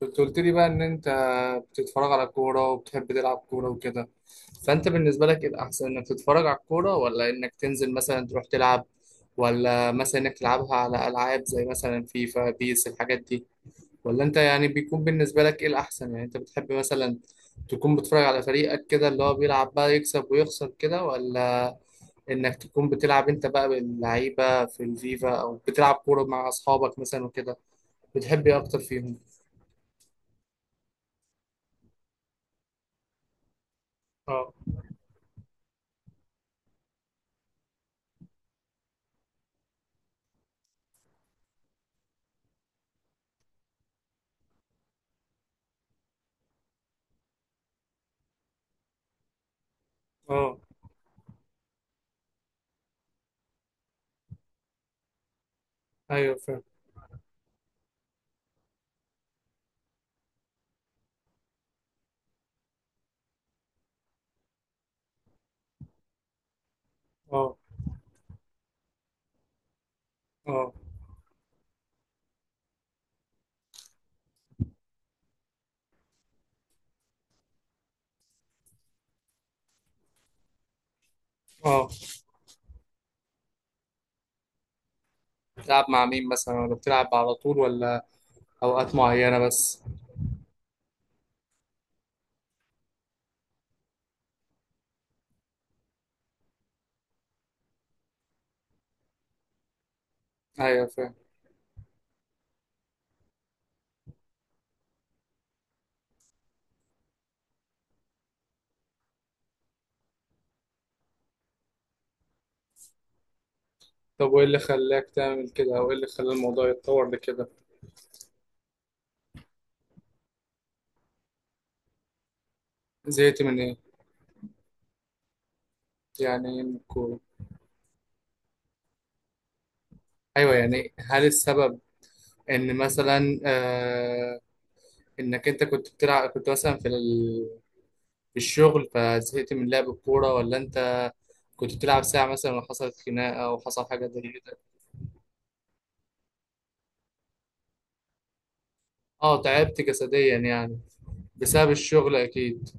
كنت قلت لي بقى ان انت بتتفرج على كورة وبتحب تلعب كورة وكده. فانت بالنسبة لك ايه الاحسن، انك تتفرج على الكورة، ولا انك تنزل مثلا تروح تلعب، ولا مثلا انك تلعبها على العاب زي مثلا فيفا بيس الحاجات دي؟ ولا انت يعني بيكون بالنسبة لك ايه الاحسن، يعني انت بتحب مثلا تكون بتتفرج على فريقك كده اللي هو بيلعب بقى يكسب ويخسر كده، ولا انك تكون بتلعب انت بقى باللعيبة في الفيفا او بتلعب كورة مع اصحابك مثلا وكده؟ بتحب ايه اكتر فيهم؟ اه. اه. ايوه فاهم. اه. اه. اه. بتلعب مع مين مثلا، ولا بتلعب على طول، ولا اوقات معينة بس؟ ايوه فاهم. طب وايه اللي خلاك تعمل كده، او ايه اللي خلى الموضوع يتطور لكده؟ زهقت من ايه؟ يعني ايه من الكورة؟ ايوه، يعني هل السبب ان مثلا انك انت كنت بتلعب، كنت مثلا في في الشغل فزهقت من لعب الكورة، ولا انت كنت بتلعب ساعة مثلا وحصلت خناقة وحصل حاجة زي كده؟ اه، تعبت جسديا يعني. بسبب الشغل اكيد.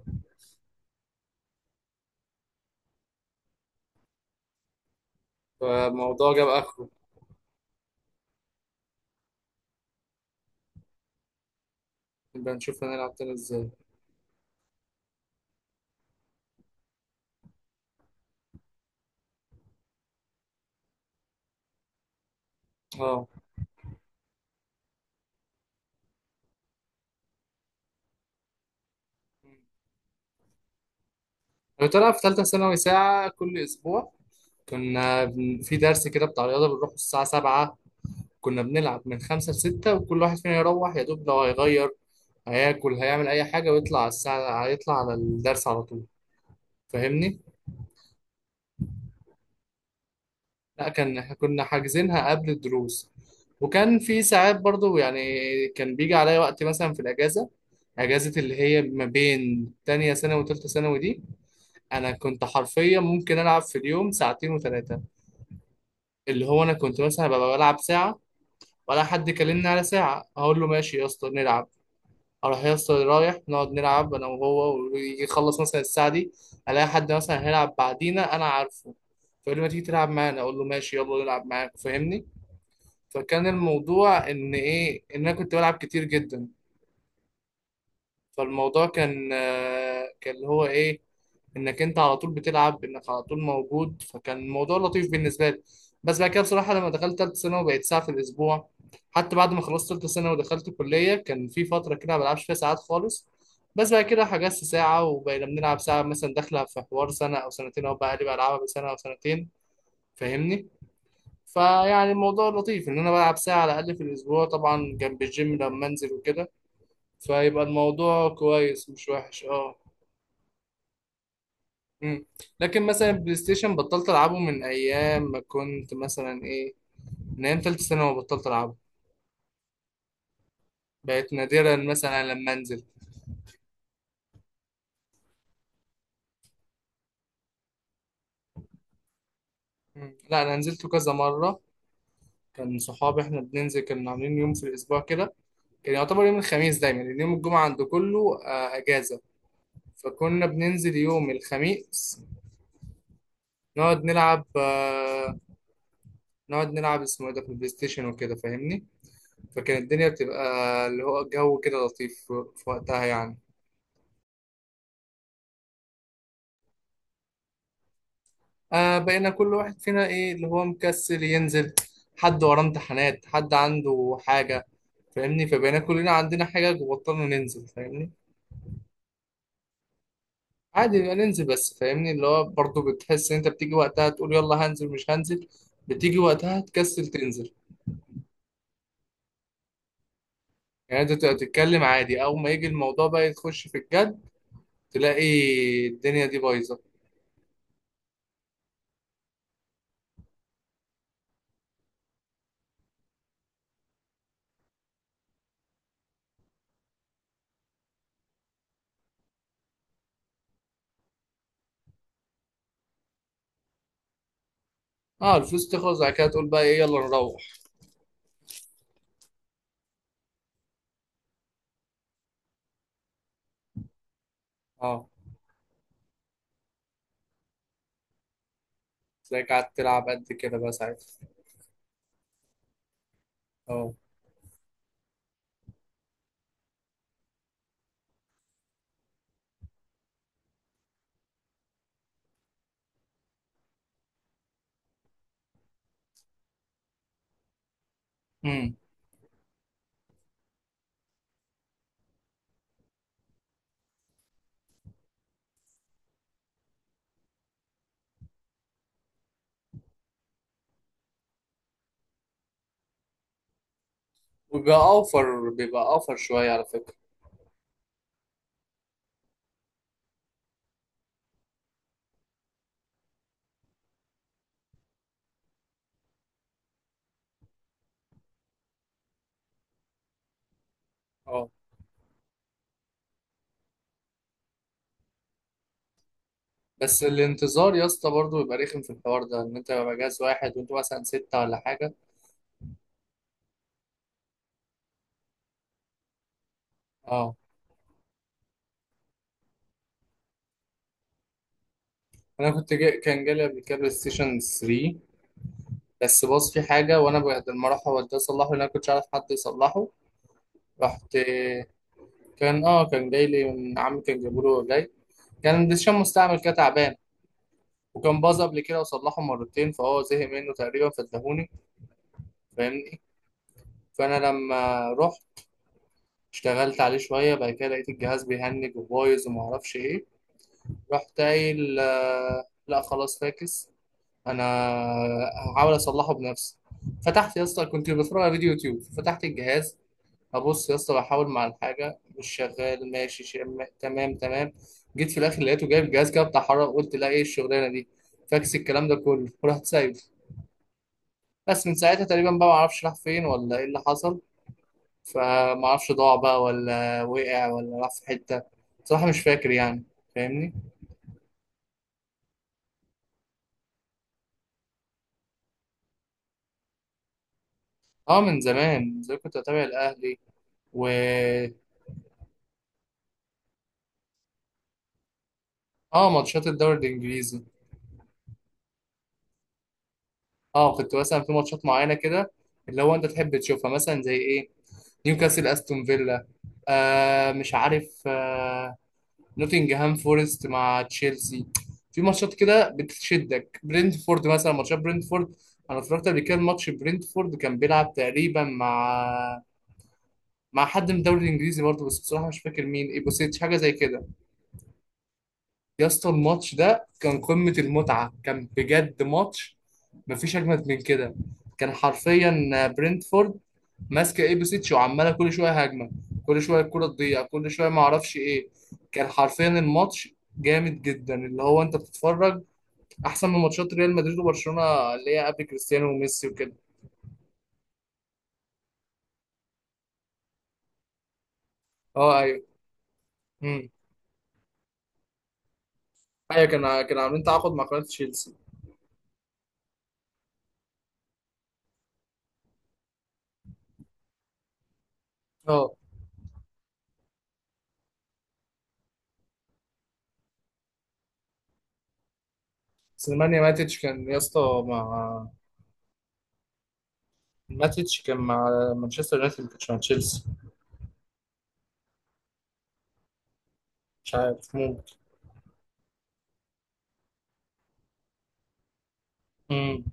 فالموضوع جاب اخره. نبقى نشوف هنلعب تاني ازاي. اه. انا طالع في ثالثه ثانوي ساعه كل اسبوع. في درس كده بتاع رياضه، بنروح الساعه 7. كنا بنلعب من 5 ل 6، وكل واحد فينا يروح يا دوب لو هيغير، هياكل، هيعمل اي حاجه ويطلع على الساعه، هيطلع على الدرس على طول. فاهمني. لا، كان احنا كنا حاجزينها قبل الدروس. وكان في ساعات برضو يعني، كان بيجي عليا وقت مثلا في الاجازه، اجازه اللي هي ما بين تانية ثانوي وتالتة ثانوي دي. انا كنت حرفيا ممكن العب في اليوم ساعتين وثلاثه. اللي هو انا كنت مثلا ببقى بلعب ساعه، ولا حد كلمني على ساعه اقول له ماشي يا اسطى نلعب. اروح يا اسطى، رايح نقعد نلعب انا وهو، ويجي يخلص مثلا الساعه دي الاقي حد مثلا هيلعب بعدينا انا عارفه، فيقول لي ما تيجي تلعب معانا، اقول له ماشي يلا نلعب معاك. فاهمني. فكان الموضوع ان ايه، ان انا كنت بلعب كتير جدا. فالموضوع كان اللي هو ايه، انك انت على طول بتلعب، انك على طول موجود، فكان الموضوع لطيف بالنسبه لي. بس بعد كده بصراحه لما دخلت ثالثه ثانوي بقيت ساعه في الاسبوع. حتى بعد ما خلصت ثالثه ثانوي ودخلت كليه كان في فتره كده ما بلعبش فيها ساعات خالص. بس بعد كده حجزت ساعه وبقينا بنلعب ساعه مثلا، داخله في حوار سنه او سنتين، او بقى لي بلعبها بسنه او سنتين. فاهمني. فيعني الموضوع لطيف ان انا بلعب ساعه على الاقل في الاسبوع، طبعا جنب الجيم لما انزل وكده. فيبقى الموضوع كويس مش وحش. اه. مم. لكن مثلا البلاي ستيشن بطلت العبه من ايام ما كنت مثلا ايه، من ايام تالتة ثانوي بطلت العبه. بقيت نادرا مثلا لما انزل. مم. لا، انا نزلته كذا مره. كان صحابي احنا بننزل، كنا عاملين يوم في الاسبوع كده. كان يعتبر يوم الخميس دايما، لان يوم الجمعه عند كله اجازه. فكنا بننزل يوم الخميس نقعد نلعب، نقعد نلعب اسمه ايه ده في البلاي ستيشن وكده. فاهمني. فكان الدنيا بتبقى اللي هو جو كده لطيف في وقتها يعني. بقينا كل واحد فينا ايه، اللي هو مكسل ينزل، حد وراه امتحانات، حد عنده حاجة. فاهمني. فبقينا كلنا عندنا حاجة وبطلنا ننزل. فاهمني. عادي بقى ننزل، بس فاهمني اللي هو برضه بتحس ان انت بتيجي وقتها تقول يلا هنزل مش هنزل. بتيجي وقتها تكسل تنزل. يعني انت تبقى تتكلم عادي، اول ما يجي الموضوع بقى تخش في الجد تلاقي الدنيا دي بايظة. اه، الفلوس تخلص بعد كده تقول بقى ايه يلا نروح. اه، تلاقيك قاعد تلعب قد كده بقى ساعتها. اه. امم وبيبقى اوفر، بيبقى اوفر شويه على فكره. اه، بس الانتظار يا اسطى برضه بيبقى رخم في الحوار ده، ان انت بيبقى جهاز واحد وانت مثلا ستة ولا حاجه. اه، انا كنت جاي كان جالي قبل كده بلاي ستيشن 3، بس باظ فيه حاجه، وانا بعد ما راح اوديه اصلحه لان انا كنتش عارف حد يصلحه، رحت. كان جاي لي من عمي، كان جايبه له جاي. كان بلاي ستيشن مستعمل كده تعبان. وكان باظ قبل كده وصلحه مرتين، فهو زهق منه تقريبا فاداهوني. فاهم. فانا لما رحت اشتغلت عليه شويه، بعد كده لقيت الجهاز بيهنج وبايظ وما اعرفش ايه. رحت قايل لا خلاص فاكس، انا هحاول اصلحه بنفسي. فتحت يا اسطى، كنت بتفرج على فيديو يوتيوب، فتحت الجهاز. ابص يا اسطى بحاول مع الحاجه مش شغال، ماشي، تمام تمام. جيت في الاخر لقيته جايب جهاز كده بتاع حرارة، قلت لا، ايه الشغلانه دي؟ فاكس الكلام ده كله. ورحت سايبه. بس من ساعتها تقريبا بقى ما اعرفش راح فين ولا ايه اللي حصل. فما اعرفش ضاع بقى ولا وقع ولا راح في حتة. بصراحة مش فاكر يعني. فاهمني. اه، من زمان من زمان كنت بتابع الاهلي و. اه، ماتشات الدوري الانجليزي. اه، كنت مثلا في ماتشات معينة كده اللي هو انت تحب تشوفها، مثلا زي ايه، نيوكاسل استون فيلا، آه مش عارف، نوتنجهام فورست مع تشيلسي. في ماتشات كده بتشدك، برينتفورد مثلا، ماتشات برينتفورد. انا اتفرجت قبل كده الماتش، برينتفورد كان بيلعب تقريبا مع حد من الدوري الانجليزي برضه، بس بصراحه مش فاكر مين، ايبوسيتش حاجه زي كده. يا اسطى الماتش ده كان قمه المتعه، كان بجد ماتش مفيش اجمد من كده. كان حرفيا برنتفورد ماسكه ايبوسيتش وعماله كل شويه هجمه، كل شويه الكره تضيع، كل شويه ما اعرفش ايه. كان حرفيا الماتش جامد جدا، اللي هو انت بتتفرج احسن من ماتشات ريال مدريد وبرشلونه اللي هي قبل كريستيانو وميسي وكده. اه ايوه. امم ايوه، كان عاملين تعاقد مع قناه تشيلسي. اه، سليمانيا ماتيتش كان يا اسطى مع، ماتيتش كان مع مانشستر يونايتد ما كانش مع تشيلسي. مش عارف، ممكن. امم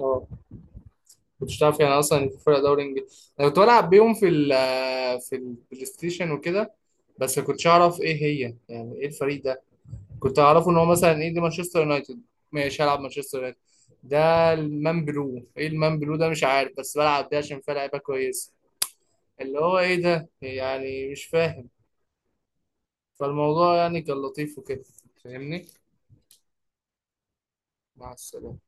اه، كنتش تعرف يعني اصلا إن في فرقه دوري انجليزي، انا كنت بلعب بيهم في في البلاي ستيشن وكده. بس ما كنتش اعرف ايه هي، يعني ايه الفريق ده. كنت اعرفه ان هو مثلا ايه، دي مانشستر يونايتد ماشي، هلعب مانشستر يونايتد ده. المان بلو، ايه المان بلو ده مش عارف، بس بلعب ده عشان فيها لعيبه كويسه. اللي هو ايه ده يعني، مش فاهم. فالموضوع يعني كان لطيف وكده. فاهمني. مع السلامة.